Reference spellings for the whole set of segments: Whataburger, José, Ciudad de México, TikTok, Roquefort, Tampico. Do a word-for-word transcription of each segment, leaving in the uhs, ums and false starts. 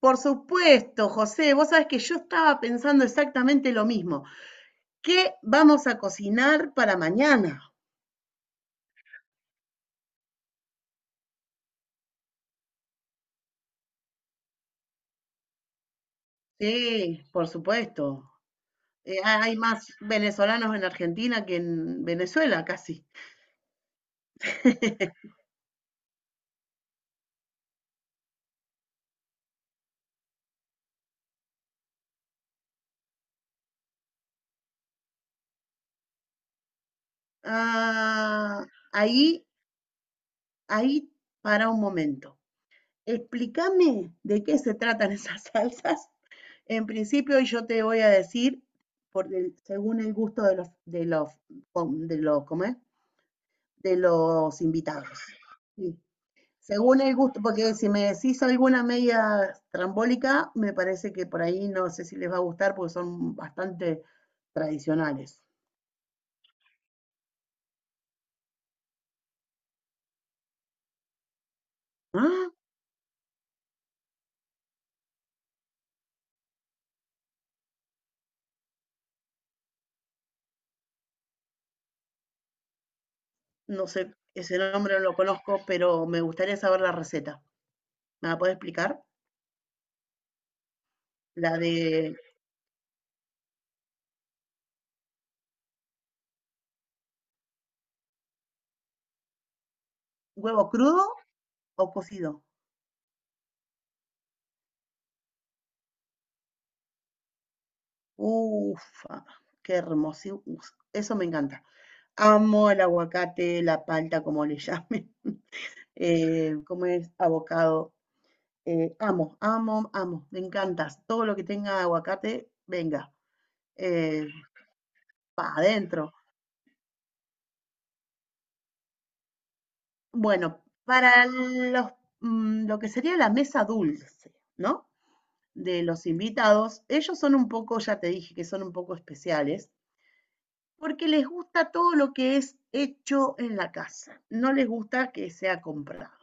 Por supuesto, José, vos sabés que yo estaba pensando exactamente lo mismo. ¿Qué vamos a cocinar para mañana? Sí, por supuesto. Eh, hay más venezolanos en Argentina que en Venezuela, casi. Ah, ahí, ahí, para un momento. Explícame de qué se tratan esas salsas. En principio, yo te voy a decir, por el- según el gusto de los, de los, com- de los, ¿cómo es? De los invitados. Sí, según el gusto, porque si me decís alguna media trambólica, me parece que por ahí no sé si les va a gustar porque son bastante tradicionales. Ah, no sé, ese nombre no lo conozco, pero me gustaría saber la receta. ¿Me la podés explicar? ¿La de huevo crudo o cocido? Ufa, qué hermosísimo. Eso me encanta. Amo el aguacate, la palta, como le llamen. Eh, ¿cómo es? Abocado. Eh, amo, amo, amo, me encantas. Todo lo que tenga aguacate, venga, eh, pa' adentro. Bueno, para los, mm, lo que sería la mesa dulce, ¿no? De los invitados, ellos son un poco, ya te dije que son un poco especiales, porque les gusta todo lo que es hecho en la casa, no les gusta que sea comprado.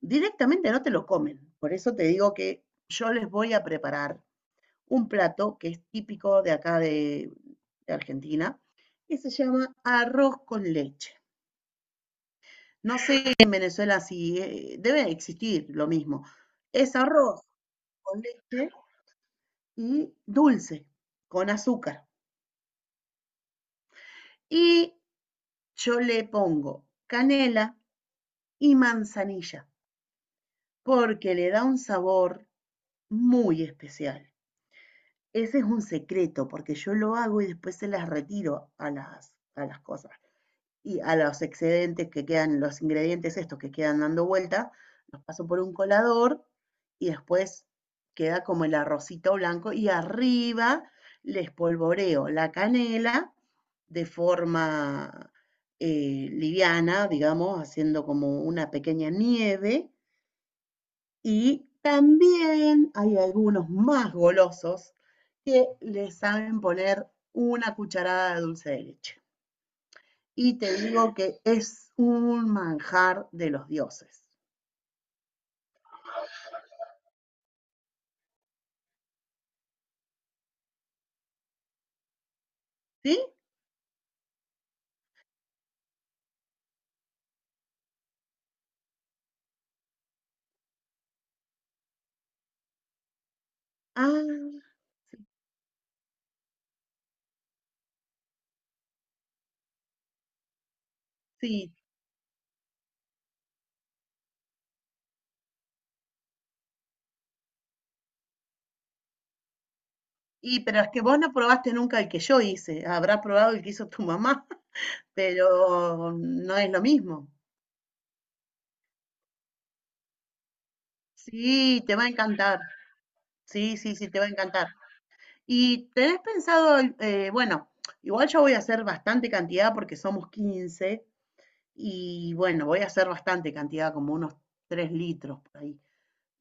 Directamente no te lo comen, por eso te digo que yo les voy a preparar un plato que es típico de acá de, de Argentina, que se llama arroz con leche. No sé en Venezuela si eh, debe existir lo mismo. Es arroz con leche y dulce, con azúcar. Y yo le pongo canela y manzanilla, porque le da un sabor muy especial. Ese es un secreto, porque yo lo hago y después se las retiro a las, a las cosas. Y a los excedentes que quedan, los ingredientes estos que quedan dando vuelta, los paso por un colador y después queda como el arrocito blanco y arriba le espolvoreo la canela de forma eh, liviana, digamos, haciendo como una pequeña nieve. Y también hay algunos más golosos que le saben poner una cucharada de dulce de leche, y te digo que es un manjar de los dioses. ¿Sí? Ah, sí. Y pero es que vos no probaste nunca el que yo hice. Habrás probado el que hizo tu mamá, pero no es lo mismo. Sí, te va a encantar. Sí, sí, sí, te va a encantar. ¿Y tenés pensado, el- eh, bueno, igual yo voy a hacer bastante cantidad porque somos quince y bueno, voy a hacer bastante cantidad, como unos tres litros por ahí,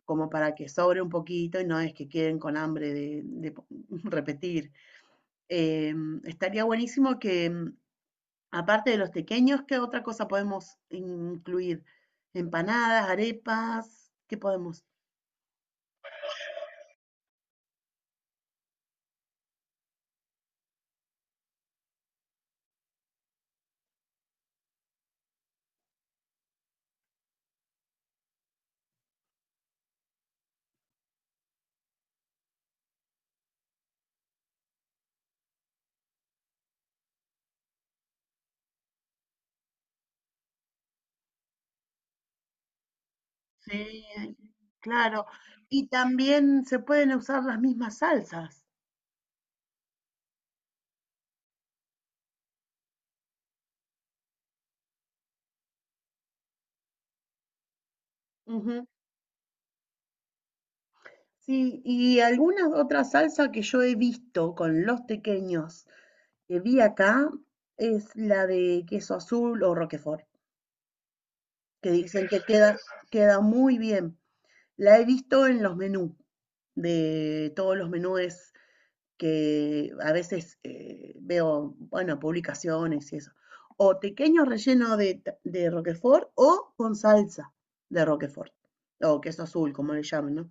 como para que sobre un poquito y no es que queden con hambre de, de repetir. Eh, Estaría buenísimo que, mm, aparte de los tequeños, ¿qué otra cosa podemos incluir? Empanadas, arepas, ¿qué podemos? Sí, claro. Y también se pueden usar las mismas salsas. Ujú. Sí, y algunas otras salsas que yo he visto con los tequeños que vi acá es la de queso azul o roquefort, que dicen que queda, queda muy bien. La he visto en los menús, de todos los menús que a veces eh, veo, bueno, publicaciones y eso. O pequeño relleno de, de Roquefort o con salsa de Roquefort, o queso azul, como le llaman, ¿no?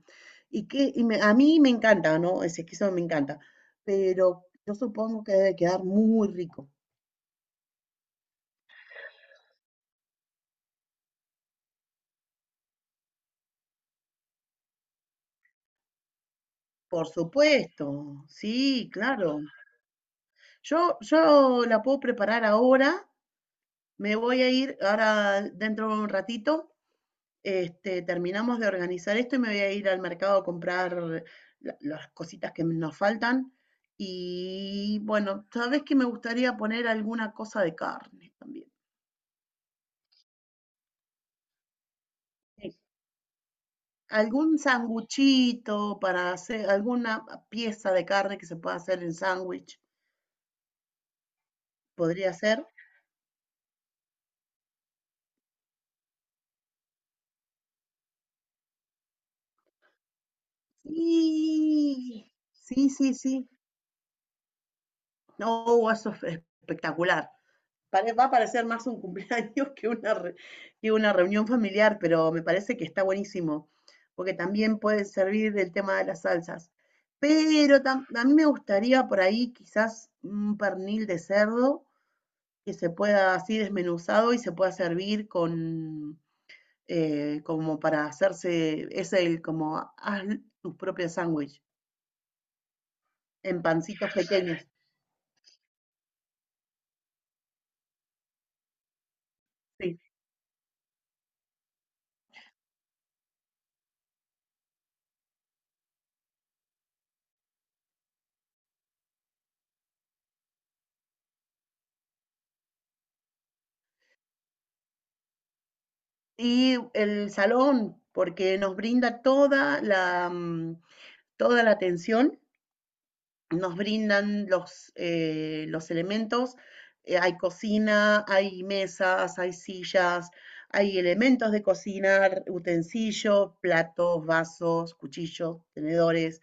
Y, que, y me- a mí me encanta, ¿no? Ese queso me encanta, pero yo supongo que debe quedar muy rico. Por supuesto, sí, claro. Yo, yo la puedo preparar ahora, me voy a ir ahora dentro de un ratito, este, terminamos de organizar esto y me voy a ir al mercado a comprar la- las cositas que nos faltan. Y bueno, sabes que me gustaría poner alguna cosa de carne también. Sí. Algún sanguchito para hacer, alguna pieza de carne que se pueda hacer en sándwich, podría ser. Sí, sí, sí, sí. No, eso es espectacular. Pare- va a parecer más un cumpleaños que una, re- que una reunión familiar, pero me parece que está buenísimo, porque también puede servir el tema de las salsas. Pero tam- a mí me gustaría por ahí quizás un pernil de cerdo que se pueda así desmenuzado y se pueda servir con, eh, como para hacerse, es el como haz tus propios sándwich en pancitos pequeños. Sí. Y el salón, porque nos brinda toda la, mm, toda la atención, nos brindan los, eh, los elementos, eh, hay cocina, hay mesas, hay sillas, hay elementos de cocinar, utensilios, platos, vasos, cuchillos, tenedores,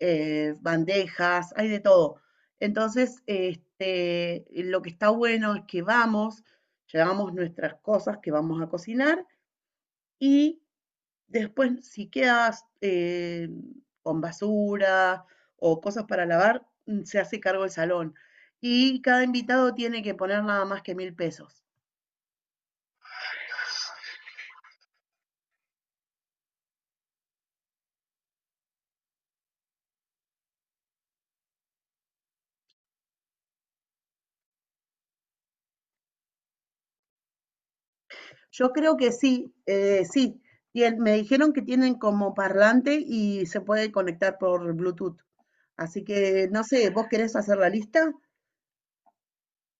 eh, bandejas, hay de todo. Entonces, este, lo que está bueno es que vamos, llevamos nuestras cosas que vamos a cocinar. Y después, si quedas eh, con basura o cosas para lavar, mm, se hace cargo el salón. Y cada invitado tiene que poner nada más que mil pesos. Yo creo que sí, eh, sí. Me dijeron que tienen como parlante y se puede conectar por Bluetooth. Así que no sé, ¿vos querés hacer la lista?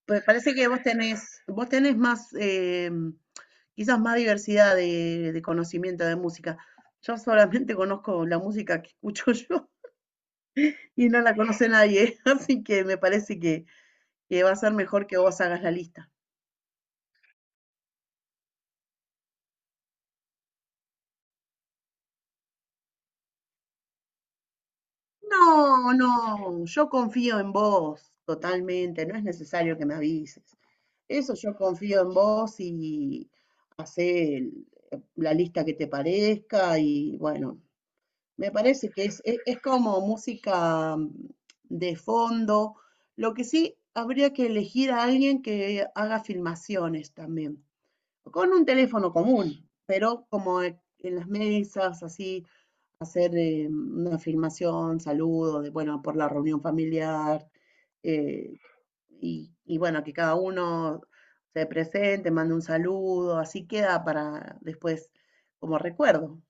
Pues parece que vos tenés, vos tenés más, eh, quizás más diversidad de, de conocimiento de música. Yo solamente conozco la música que escucho yo y no la conoce nadie, así que me parece que, que va a ser mejor que vos hagas la lista. No, no, yo confío en vos totalmente, no es necesario que me avises. Eso yo confío en vos y hacé el- la lista que te parezca y bueno, me parece que es, es, es como música mm, de fondo. Lo que sí habría que elegir a alguien que haga filmaciones también, con un teléfono común, pero como e- en las mesas, así, hacer eh, una filmación, saludo de, bueno, por la reunión familiar, eh, y, y bueno, que cada uno se presente, mande un saludo, así queda para después como recuerdo.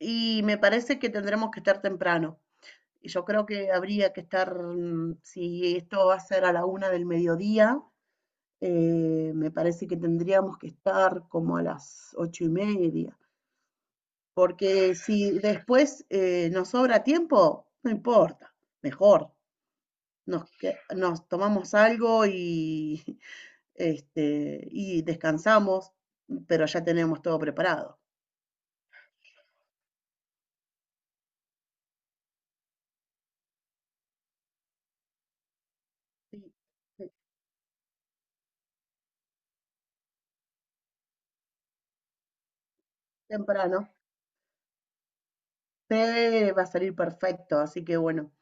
Y me parece que tendremos que estar temprano. Y yo creo que habría que estar, mm, si esto va a ser a la una del mediodía, eh, me parece que tendríamos que estar como a las ocho y media. Porque si después eh, nos sobra tiempo, no importa, mejor. Nos, que- nos tomamos algo y, este, y descansamos, pero ya tenemos todo preparado. Sí, sí, temprano. Sí, va a salir perfecto. Así que bueno,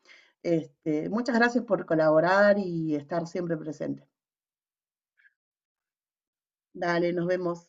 este, muchas gracias por colaborar y estar siempre presente. Dale, nos vemos.